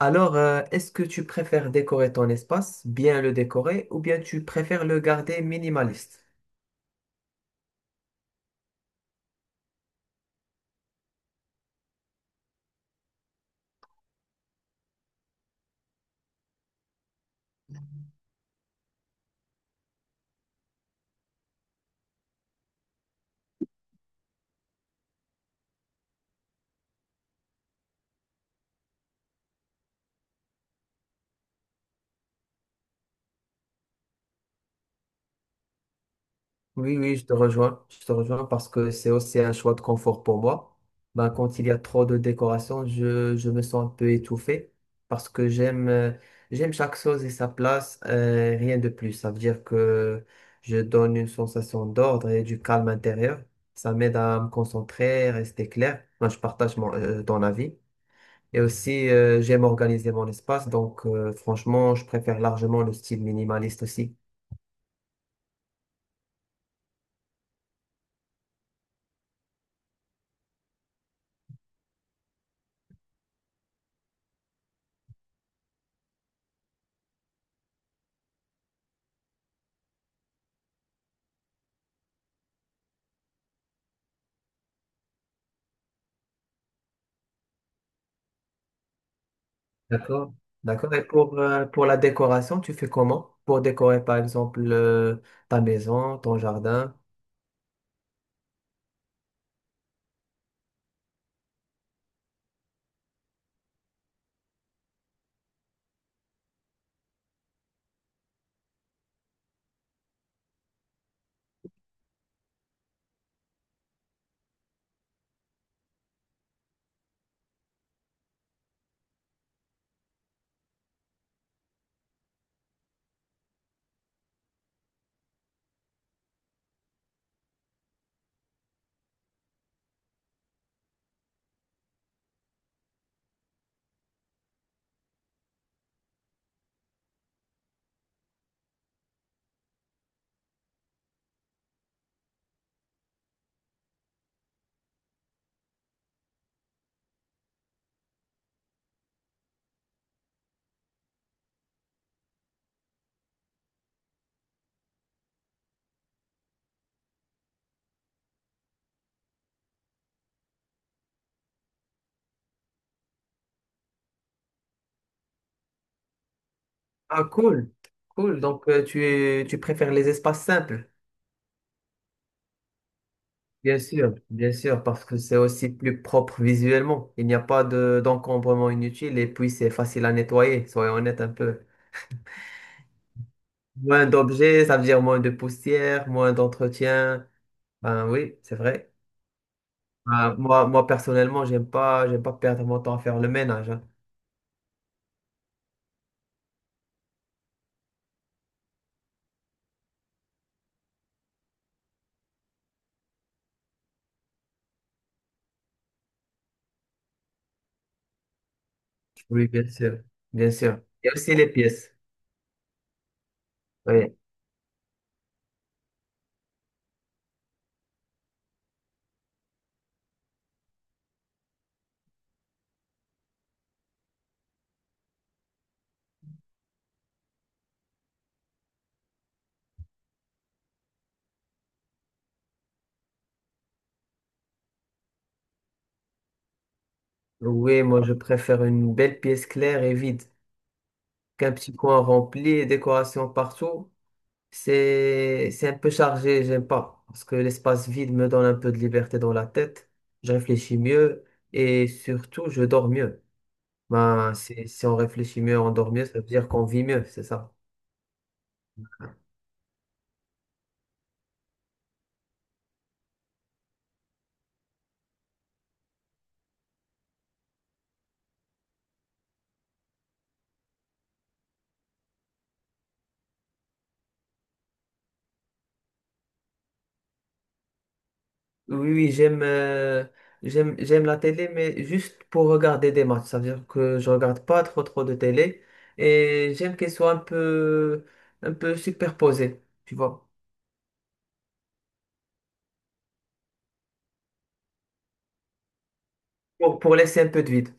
Est-ce que tu préfères décorer ton espace, bien le décorer, ou bien tu préfères le garder minimaliste? Oui, oui, je te rejoins. Je te rejoins parce que c'est aussi un choix de confort pour moi. Ben, quand il y a trop de décoration, je me sens un peu étouffé parce que j'aime chaque chose et sa place, rien de plus. Ça veut dire que je donne une sensation d'ordre et du calme intérieur. Ça m'aide à me concentrer, rester clair. Moi, je partage ton avis. Et aussi, j'aime organiser mon espace, donc franchement, je préfère largement le style minimaliste aussi. D'accord. D'accord. Et pour la décoration, tu fais comment? Pour décorer, par exemple, ta maison, ton jardin. Ah, cool. Cool. Donc, tu préfères les espaces simples. Bien sûr, parce que c'est aussi plus propre visuellement. Il n'y a pas de d'encombrement inutile et puis c'est facile à nettoyer, soyons honnêtes un peu. Moins d'objets, ça veut dire moins de poussière, moins d'entretien. Ben oui, c'est vrai. Ben, moi personnellement, j'aime pas perdre mon temps à faire le ménage, hein. Oui, bien sûr, bien sûr. Et aussi les pièces. Oui. Oui, moi je préfère une belle pièce claire et vide qu'un petit coin rempli et décoration partout. C'est un peu chargé, j'aime pas, parce que l'espace vide me donne un peu de liberté dans la tête, je réfléchis mieux et surtout je dors mieux. Ben, si on réfléchit mieux, on dort mieux, ça veut dire qu'on vit mieux, c'est ça. Oui, oui, j'aime la télé, mais juste pour regarder des matchs. Ça veut dire que je regarde pas trop trop de télé et j'aime qu'elle soit un peu superposée, tu vois, pour laisser un peu de vide.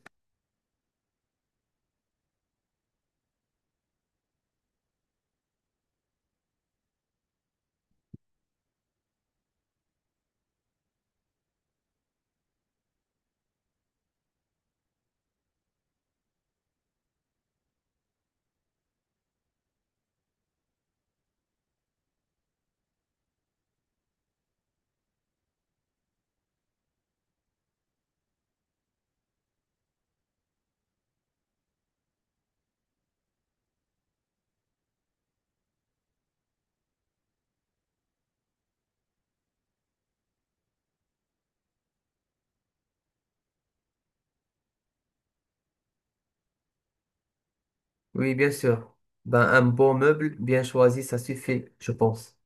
Oui, bien sûr. Ben, un bon meuble bien choisi, ça suffit, je pense.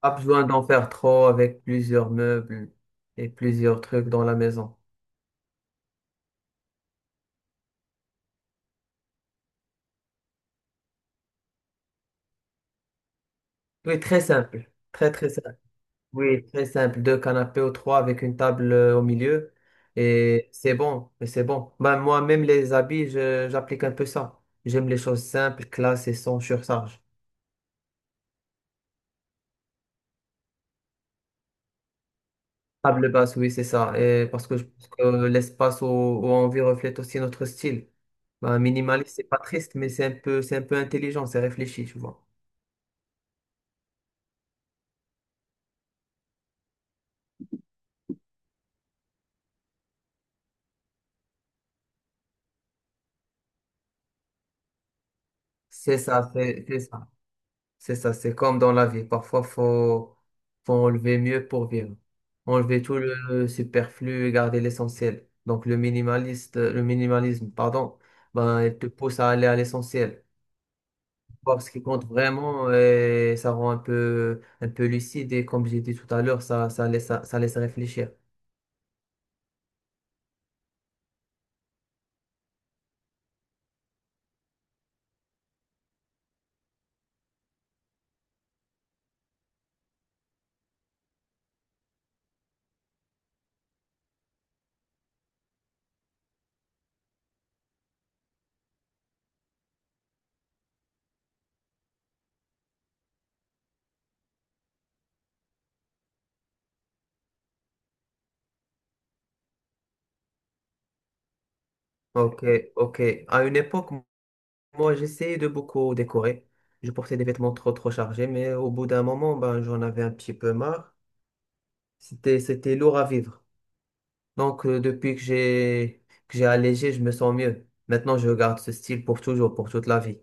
Pas besoin d'en faire trop avec plusieurs meubles et plusieurs trucs dans la maison. Oui, très simple, très très simple. Oui, très simple, deux canapés ou trois avec une table au milieu. Et c'est bon, et c'est bon. Ben, moi, même les habits, j'applique un peu ça. J'aime les choses simples, classe et sans surcharge. Table basse, oui, c'est ça. Et parce que je pense que l'espace où on vit reflète aussi notre style. Ben, minimaliste, c'est pas triste, mais c'est un peu intelligent, c'est réfléchi, tu vois. C'est ça, c'est ça. C'est ça, c'est comme dans la vie. Parfois, faut enlever mieux pour vivre. Enlever tout le superflu et garder l'essentiel. Donc, le minimaliste, le minimalisme, pardon, ben, il te pousse à aller à l'essentiel. Voir ce qui compte vraiment et ça rend un peu lucide et comme j'ai dit tout à l'heure, ça laisse réfléchir. Ok, ok. À une époque, moi, j'essayais de beaucoup décorer. Je portais des vêtements trop chargés, mais au bout d'un moment, ben, j'en avais un petit peu marre. C'était lourd à vivre. Donc, depuis que j'ai allégé, je me sens mieux. Maintenant, je garde ce style pour toujours, pour toute la vie.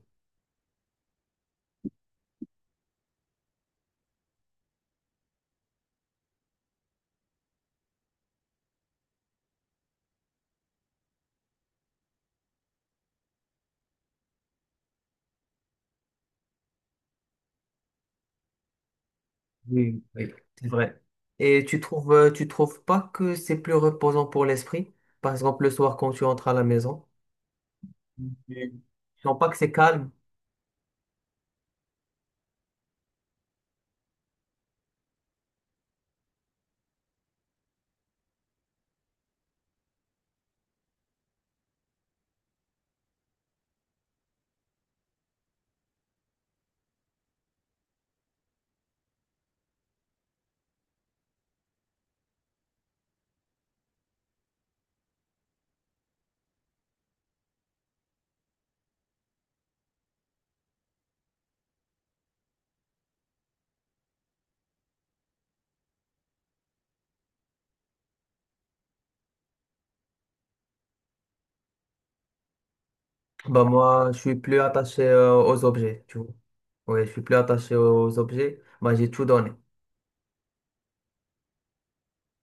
Oui, oui, c'est vrai. Et tu trouves pas que c'est plus reposant pour l'esprit? Par exemple, le soir, quand tu entres à la maison, oui, tu sens pas que c'est calme? Bah, moi, je suis plus attaché, aux objets, tu vois. Oui, je suis plus attaché aux objets. Bah, j'ai tout donné.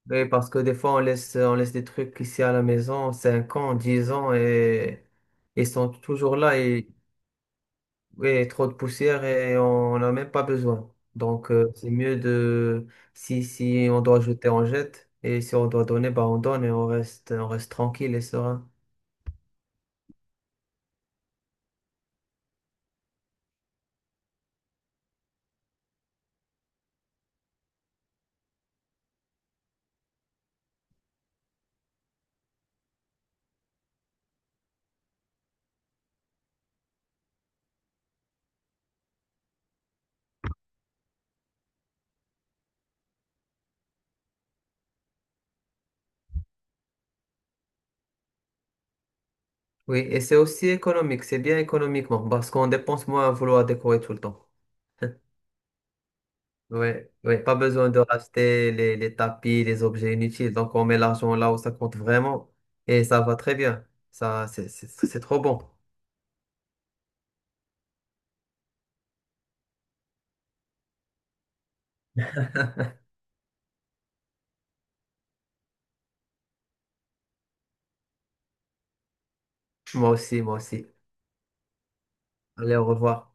Oui, parce que des fois, on laisse des trucs ici à la maison, 5 ans, 10 ans, et ils sont toujours là. Et oui, trop de poussière et on n'en a même pas besoin. Donc, c'est mieux de, si, si on doit jeter, on jette. Et si on doit donner, bah, on donne et on reste tranquille et serein. Oui, et c'est aussi économique, c'est bien économiquement parce qu'on dépense moins à vouloir décorer tout le temps. Oui, oui, pas besoin de racheter les tapis, les objets inutiles. Donc, on met l'argent là où ça compte vraiment et ça va très bien. Ça, c'est trop bon. Moi aussi, moi aussi. Allez, au revoir.